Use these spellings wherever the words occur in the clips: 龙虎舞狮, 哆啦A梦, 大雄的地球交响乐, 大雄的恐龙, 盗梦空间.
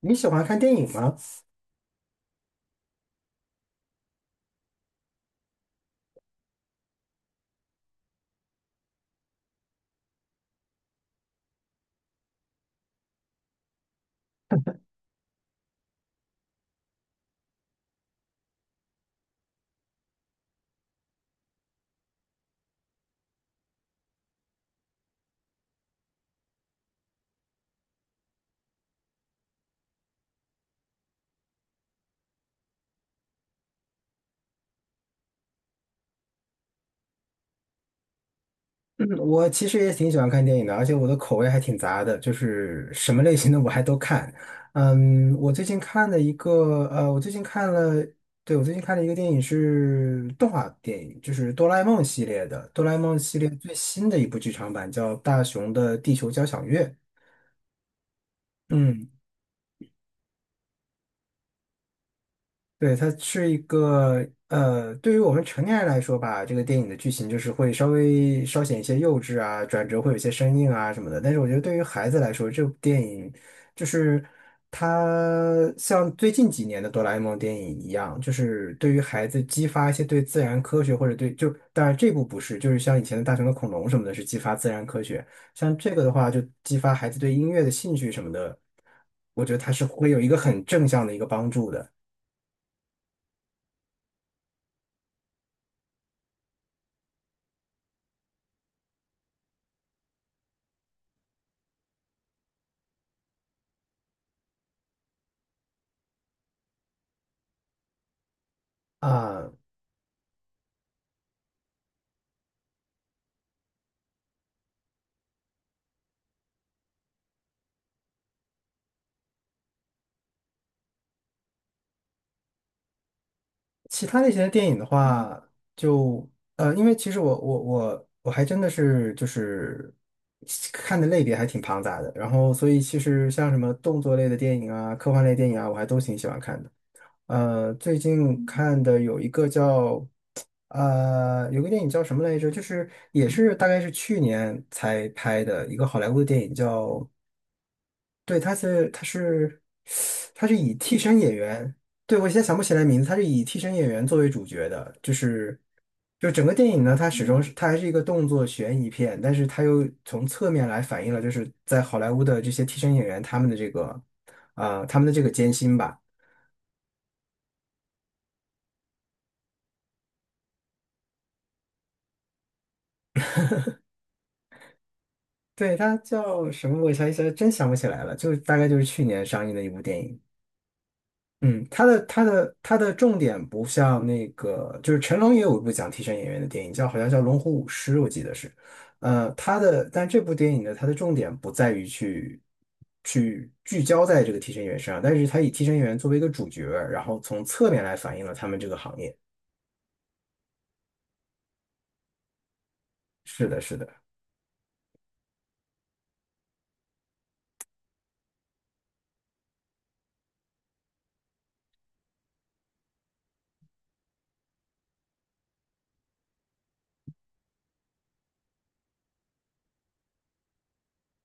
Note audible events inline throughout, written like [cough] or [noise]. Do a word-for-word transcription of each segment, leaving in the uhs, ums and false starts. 你喜欢看电影吗？嗯，我其实也挺喜欢看电影的，而且我的口味还挺杂的，就是什么类型的我还都看。嗯，我最近看了一个，呃，我最近看了，对，我最近看了一个电影是动画电影，就是哆啦 A 梦系列的，哆啦 A 梦系列最新的一部剧场版叫《大雄的地球交响乐》。嗯。对，它是一个呃，对于我们成年人来说吧，这个电影的剧情就是会稍微稍显一些幼稚啊，转折会有一些生硬啊什么的。但是我觉得对于孩子来说，这部电影就是它像最近几年的哆啦 A 梦电影一样，就是对于孩子激发一些对自然科学或者对就当然这部不是，就是像以前的大雄的恐龙什么的，是激发自然科学。像这个的话，就激发孩子对音乐的兴趣什么的，我觉得它是会有一个很正向的一个帮助的。啊，其他类型的电影的话，就呃，因为其实我我我我还真的是就是看的类别还挺庞杂的，然后所以其实像什么动作类的电影啊、科幻类电影啊，我还都挺喜欢看的。呃，最近看的有一个叫，呃，有个电影叫什么来着？就是也是大概是去年才拍的一个好莱坞的电影叫，对，他是他是他是以替身演员，对，我现在想不起来名字，他是以替身演员作为主角的，就是就整个电影呢，它始终是它还是一个动作悬疑片，但是它又从侧面来反映了就是在好莱坞的这些替身演员他们的这个啊、呃他们的这个艰辛吧。对，它叫什么？我一下一下真想不起来了，就大概就是去年上映的一部电影。嗯，它的它的它的重点不像那个，就是成龙也有一部讲替身演员的电影，叫好像叫《龙虎舞狮》，我记得是。呃，它的但这部电影呢，它的重点不在于去去聚焦在这个替身演员身上，但是它以替身演员作为一个主角，然后从侧面来反映了他们这个行业。是的，是的。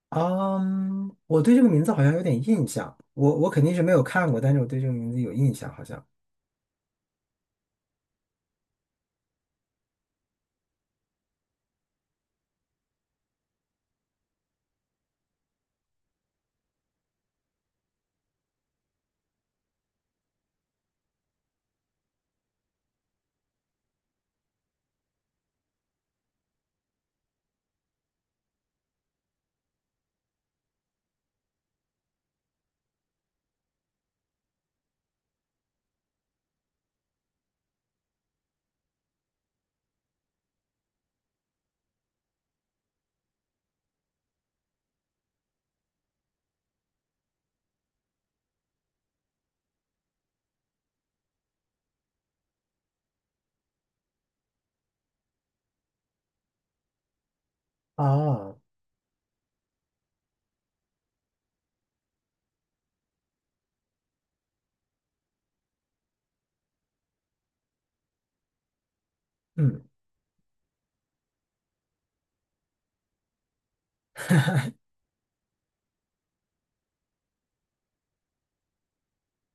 嗯，我对这个名字好像有点印象，我我肯定是没有看过，但是我对这个名字有印象，好像。哦，嗯，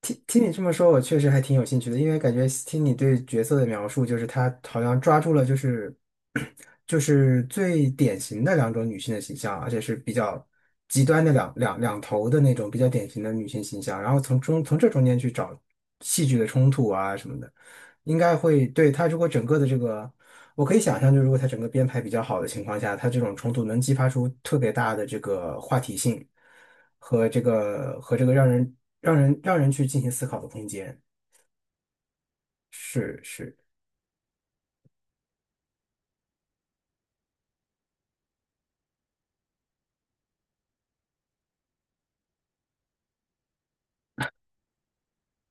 听听你这么说，我确实还挺有兴趣的，因为感觉听你对角色的描述，就是他好像抓住了就是 [clears throat] 就是最典型的两种女性的形象，而且是比较极端的两两两头的那种比较典型的女性形象，然后从中从这中间去找戏剧的冲突啊什么的。应该会对他，如果整个的这个，我可以想象，就是如果他整个编排比较好的情况下，他这种冲突能激发出特别大的这个话题性和这个和这个让人让人让人去进行思考的空间。是是。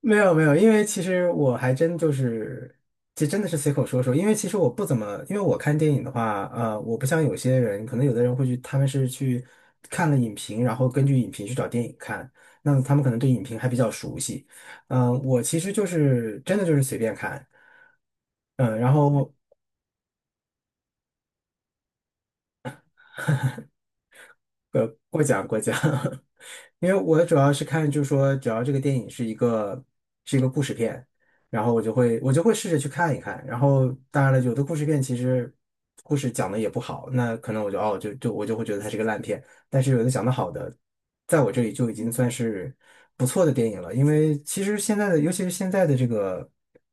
没有没有，因为其实我还真就是，这真的是随口说说。因为其实我不怎么，因为我看电影的话，呃，我不像有些人，可能有的人会去，他们是去看了影评，然后根据影评去找电影看，那么他们可能对影评还比较熟悉。嗯、我其实就是真的就是随便看，嗯、然后呃，过奖过奖，[laughs] 因为我主要是看，就是说，只要这个电影是一个是一个故事片，然后我就会我就会试着去看一看。然后当然了，有的故事片其实故事讲的也不好，那可能我就哦就就我就会觉得它是个烂片。但是有的讲的好的，在我这里就已经算是不错的电影了。因为其实现在的，尤其是现在的这个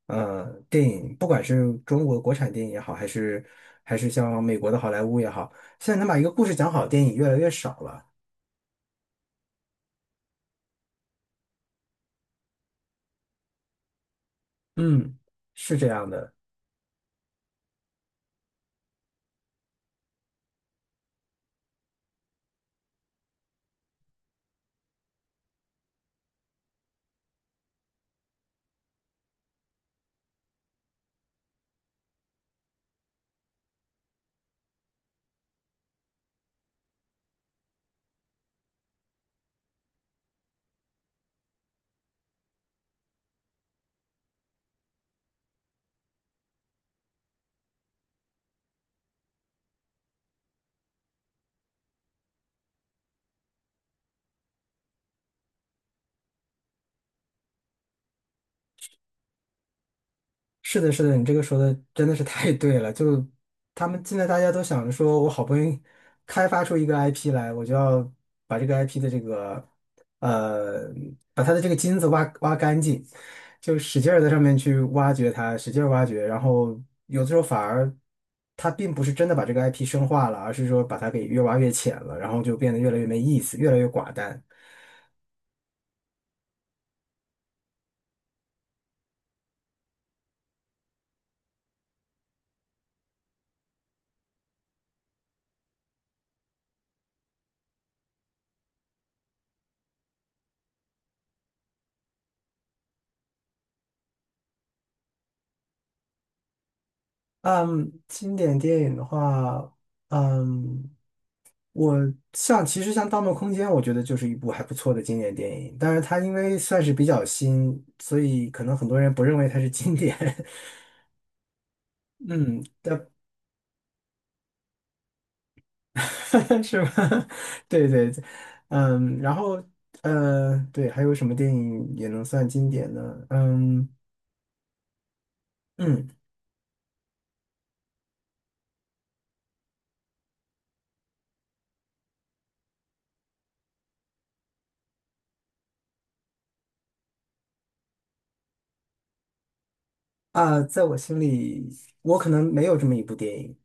呃电影，不管是中国国产电影也好，还是还是像美国的好莱坞也好。现在能把一个故事讲好的电影越来越少了。嗯，是这样的，是的，是的，你这个说的真的是太对了。就他们现在大家都想着说，我好不容易开发出一个 I P 来，我就要把这个 I P 的这个呃，把它的这个金子挖挖干净，就使劲儿在上面去挖掘它，使劲儿挖掘，然后有的时候反而。它并不是真的把这个 I P 深化了，而是说把它给越挖越浅了，然后就变得越来越没意思，越来越寡淡。嗯，经典电影的话，嗯，我像其实像《盗梦空间》，我觉得就是一部还不错的经典电影。但是它因为算是比较新，所以可能很多人不认为它是经典。[laughs] 嗯，但 [laughs] 是吧？[laughs] 对对，嗯，然后呃，对，还有什么电影也能算经典呢？嗯嗯啊，在我心里，我可能没有这么一部电影。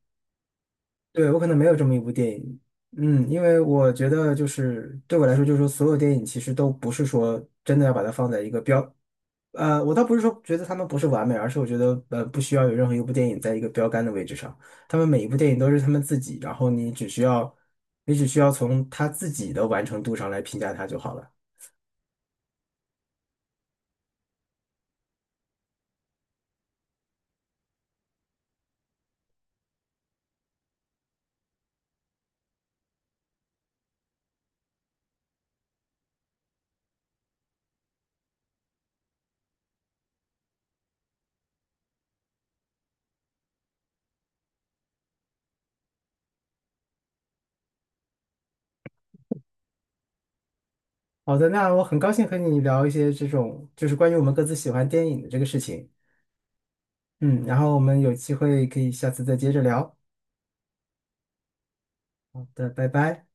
对，我可能没有这么一部电影，嗯，因为我觉得就是对我来说，就是说所有电影其实都不是说真的要把它放在一个标，呃，我倒不是说觉得他们不是完美，而是我觉得呃不需要有任何一部电影在一个标杆的位置上，他们每一部电影都是他们自己，然后你只需要你只需要从他自己的完成度上来评价他就好了。好的，那我很高兴和你聊一些这种就是关于我们各自喜欢电影的这个事情，嗯，然后我们有机会可以下次再接着聊。好的，拜拜。